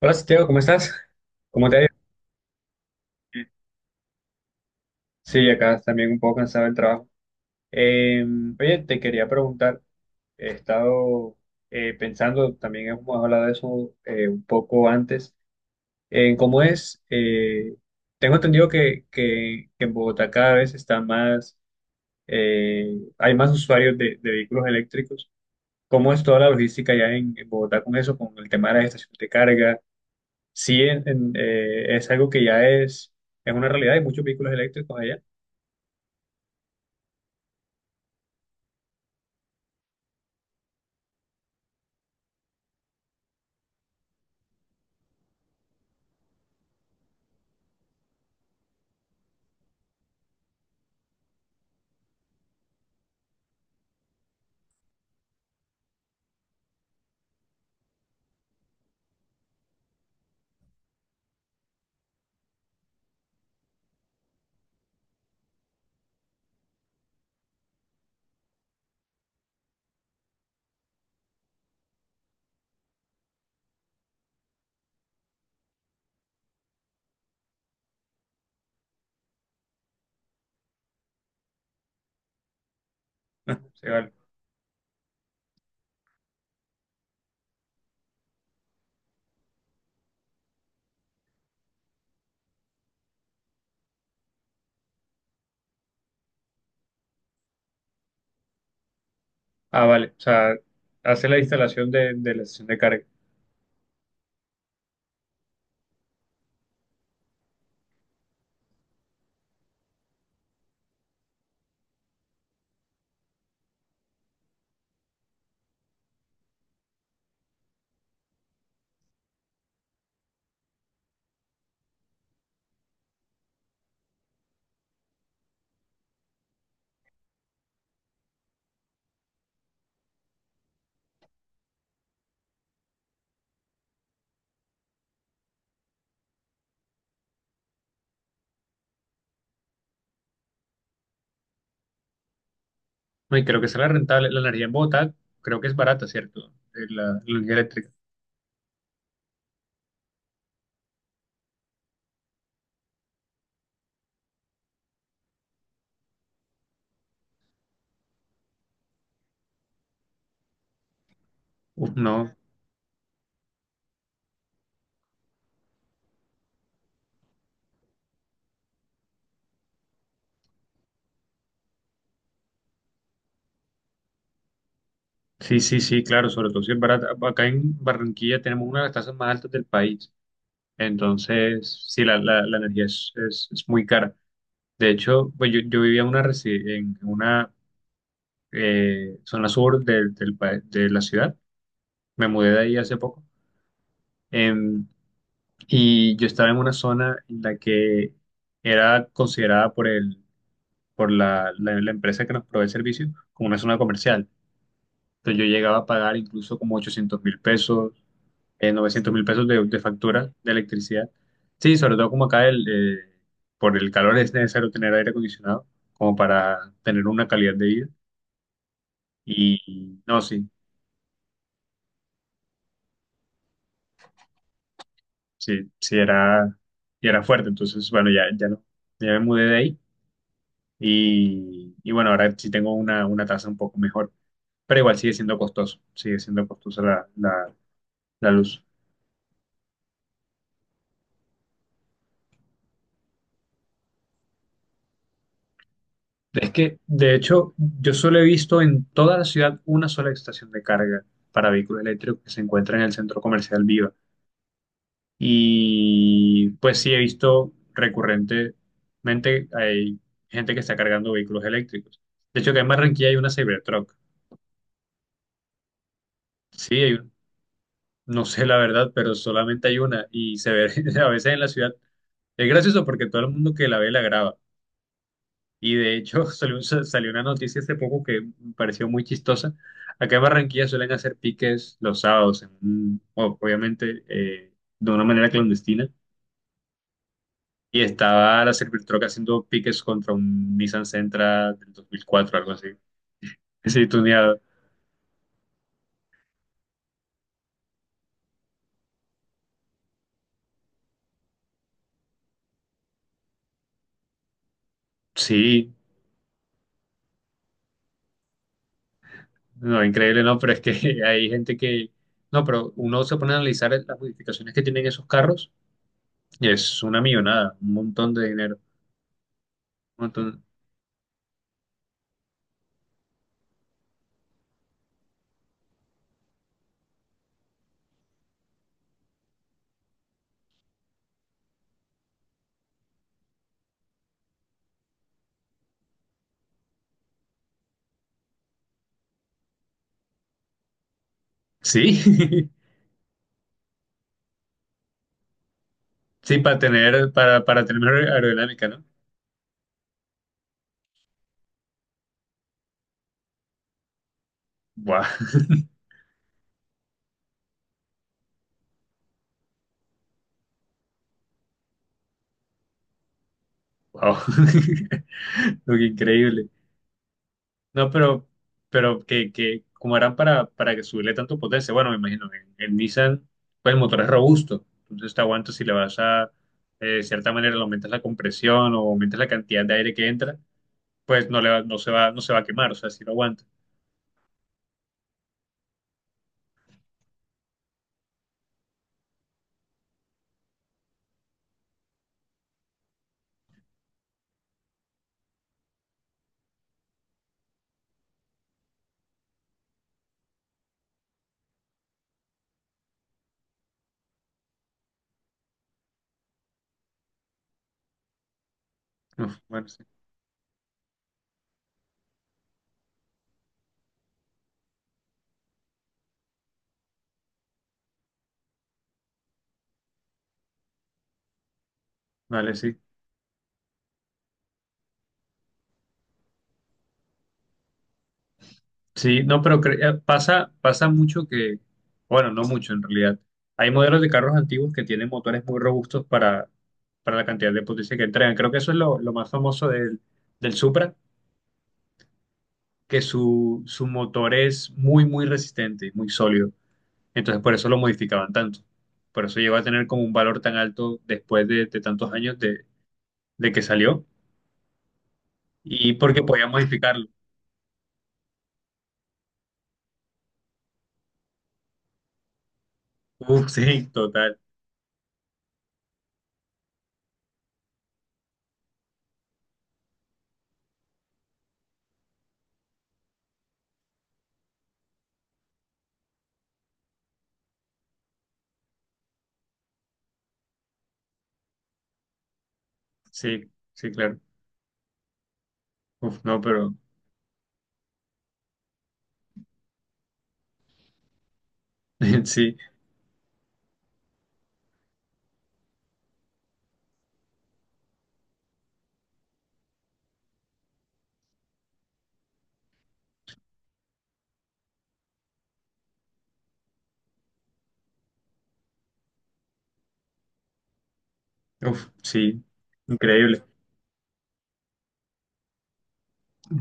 Hola Santiago, ¿cómo estás? ¿Cómo te ha ido? Sí, acá también un poco cansado del trabajo. Eh, oye, te quería preguntar, he estado pensando, también hemos hablado de eso un poco antes, en cómo es, tengo entendido que en Bogotá cada vez está más, hay más usuarios de vehículos eléctricos. ¿Cómo es toda la logística ya en Bogotá con eso, con el tema de las estaciones de carga? Sí, es algo que ya es una realidad. Hay muchos vehículos eléctricos allá. Se vale. Ah, vale. O sea, hace la instalación de la estación de carga. No, y creo que será rentable. La energía en Bogotá creo que es barata, ¿cierto? La energía eléctrica. Uf, no. Sí, sí, sí, claro. Sobre todo si es barata. Acá en Barranquilla tenemos una de las tasas más altas del país. Entonces, sí, la energía es muy cara. De hecho, pues yo vivía en en una zona sur de la ciudad, me mudé de ahí hace poco. em, y yo estaba en una zona en la que era considerada por la empresa que nos provee el servicio como una zona comercial. Entonces yo llegaba a pagar incluso como 800 eh, mil pesos de factura de electricidad. Sí, sobre todo como acá por el calor es necesario tener aire acondicionado como para tener una calidad de vida. Y no, sí, sí, sí era, sí era fuerte. Entonces, bueno, ya, ya no, ya me mudé de ahí. Y bueno, ahora sí tengo una tasa un poco mejor, pero igual sigue siendo costoso, sigue siendo costosa la luz. Es que, de hecho, yo solo he visto en toda la ciudad una sola estación de carga para vehículos eléctricos que se encuentra en el centro comercial Viva. Y pues sí he visto recurrentemente hay gente que está cargando vehículos eléctricos. De hecho, que en Barranquilla hay una Cybertruck. Sí, hay. No sé la verdad, pero solamente hay una y se ve a veces en la ciudad. Es gracioso porque todo el mundo que la ve la graba. Y de hecho salió una noticia hace poco que me pareció muy chistosa. Acá en Barranquilla suelen hacer piques los sábados, obviamente de una manera clandestina. Y estaba la Servitroca haciendo piques contra un Nissan Sentra del 2004, algo así. Sí, tuneado. Sí. No, increíble, no, pero es que hay gente que... No, pero uno se pone a analizar las modificaciones que tienen esos carros y es una millonada, un montón de dinero. Un montón... Sí, sí, para tener mejor aerodinámica, ¿no? Guau, wow. Lo que increíble. No, pero, pero que como harán para que subirle tanto potencia, bueno, me imagino, en Nissan, pues el motor es robusto, entonces te aguanta si le vas a, de cierta manera, le aumentas la compresión o aumentas la cantidad de aire que entra, pues no se va a quemar, o sea, si lo aguanta. Uf, bueno, sí. Vale, sí. Sí, no, pero pasa mucho que, bueno, no mucho en realidad. Hay modelos de carros antiguos que tienen motores muy robustos para la cantidad de potencia que entregan. Creo que eso es lo más famoso del Supra, que su motor es muy, muy resistente, muy sólido. Entonces, por eso lo modificaban tanto. Por eso llegó a tener como un valor tan alto después de tantos años de que salió y porque podían modificarlo. Uf, sí, total. Sí, sí, claro. Uf, no, pero sí, uf, sí, increíble.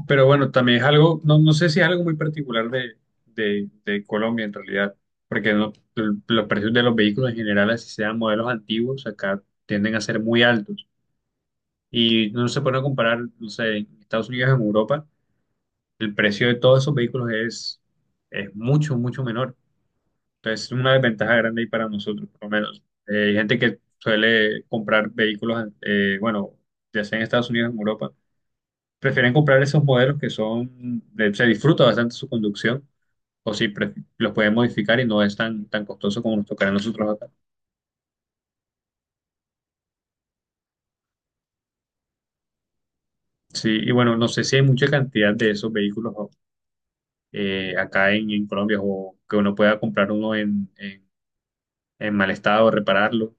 Pero bueno, también es algo, no sé si es algo muy particular de Colombia en realidad, porque no, los precios de los vehículos en general, así sean modelos antiguos, acá tienden a ser muy altos. Y no se pone a comparar, no sé, en Estados Unidos, en Europa, el precio de todos esos vehículos es mucho, mucho menor. Entonces, es una desventaja grande ahí para nosotros, por lo menos. Hay gente que suele comprar vehículos, bueno, ya sea en Estados Unidos o en Europa, prefieren comprar esos modelos que son, se disfruta bastante su conducción, o si los pueden modificar y no es tan, tan costoso como nos tocará a nosotros acá. Sí, y bueno, no sé si hay mucha cantidad de esos vehículos acá en Colombia o que uno pueda comprar uno en mal estado, repararlo.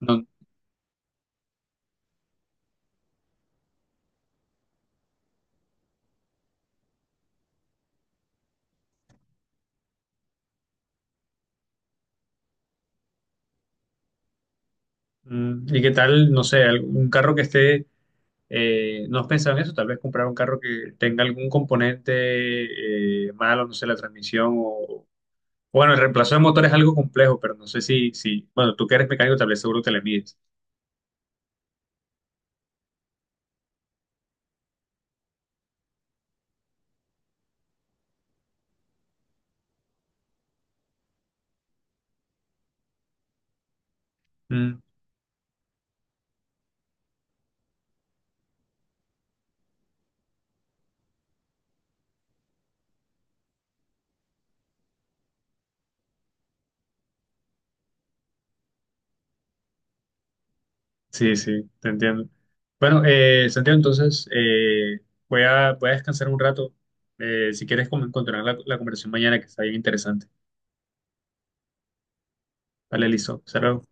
No, mm, ¿y qué tal, no sé, un carro que esté? No has pensado en eso, tal vez comprar un carro que tenga algún componente malo, no sé, la transmisión o... Bueno, el reemplazo de motor es algo complejo, pero no sé si, si... Bueno, tú que eres mecánico, tal vez seguro te le mides. Mm, sí, sí, te entiendo. Bueno, Santiago, entonces voy a descansar un rato. Si quieres, como continuar la conversación mañana, que está bien interesante. Vale, listo. Hasta luego.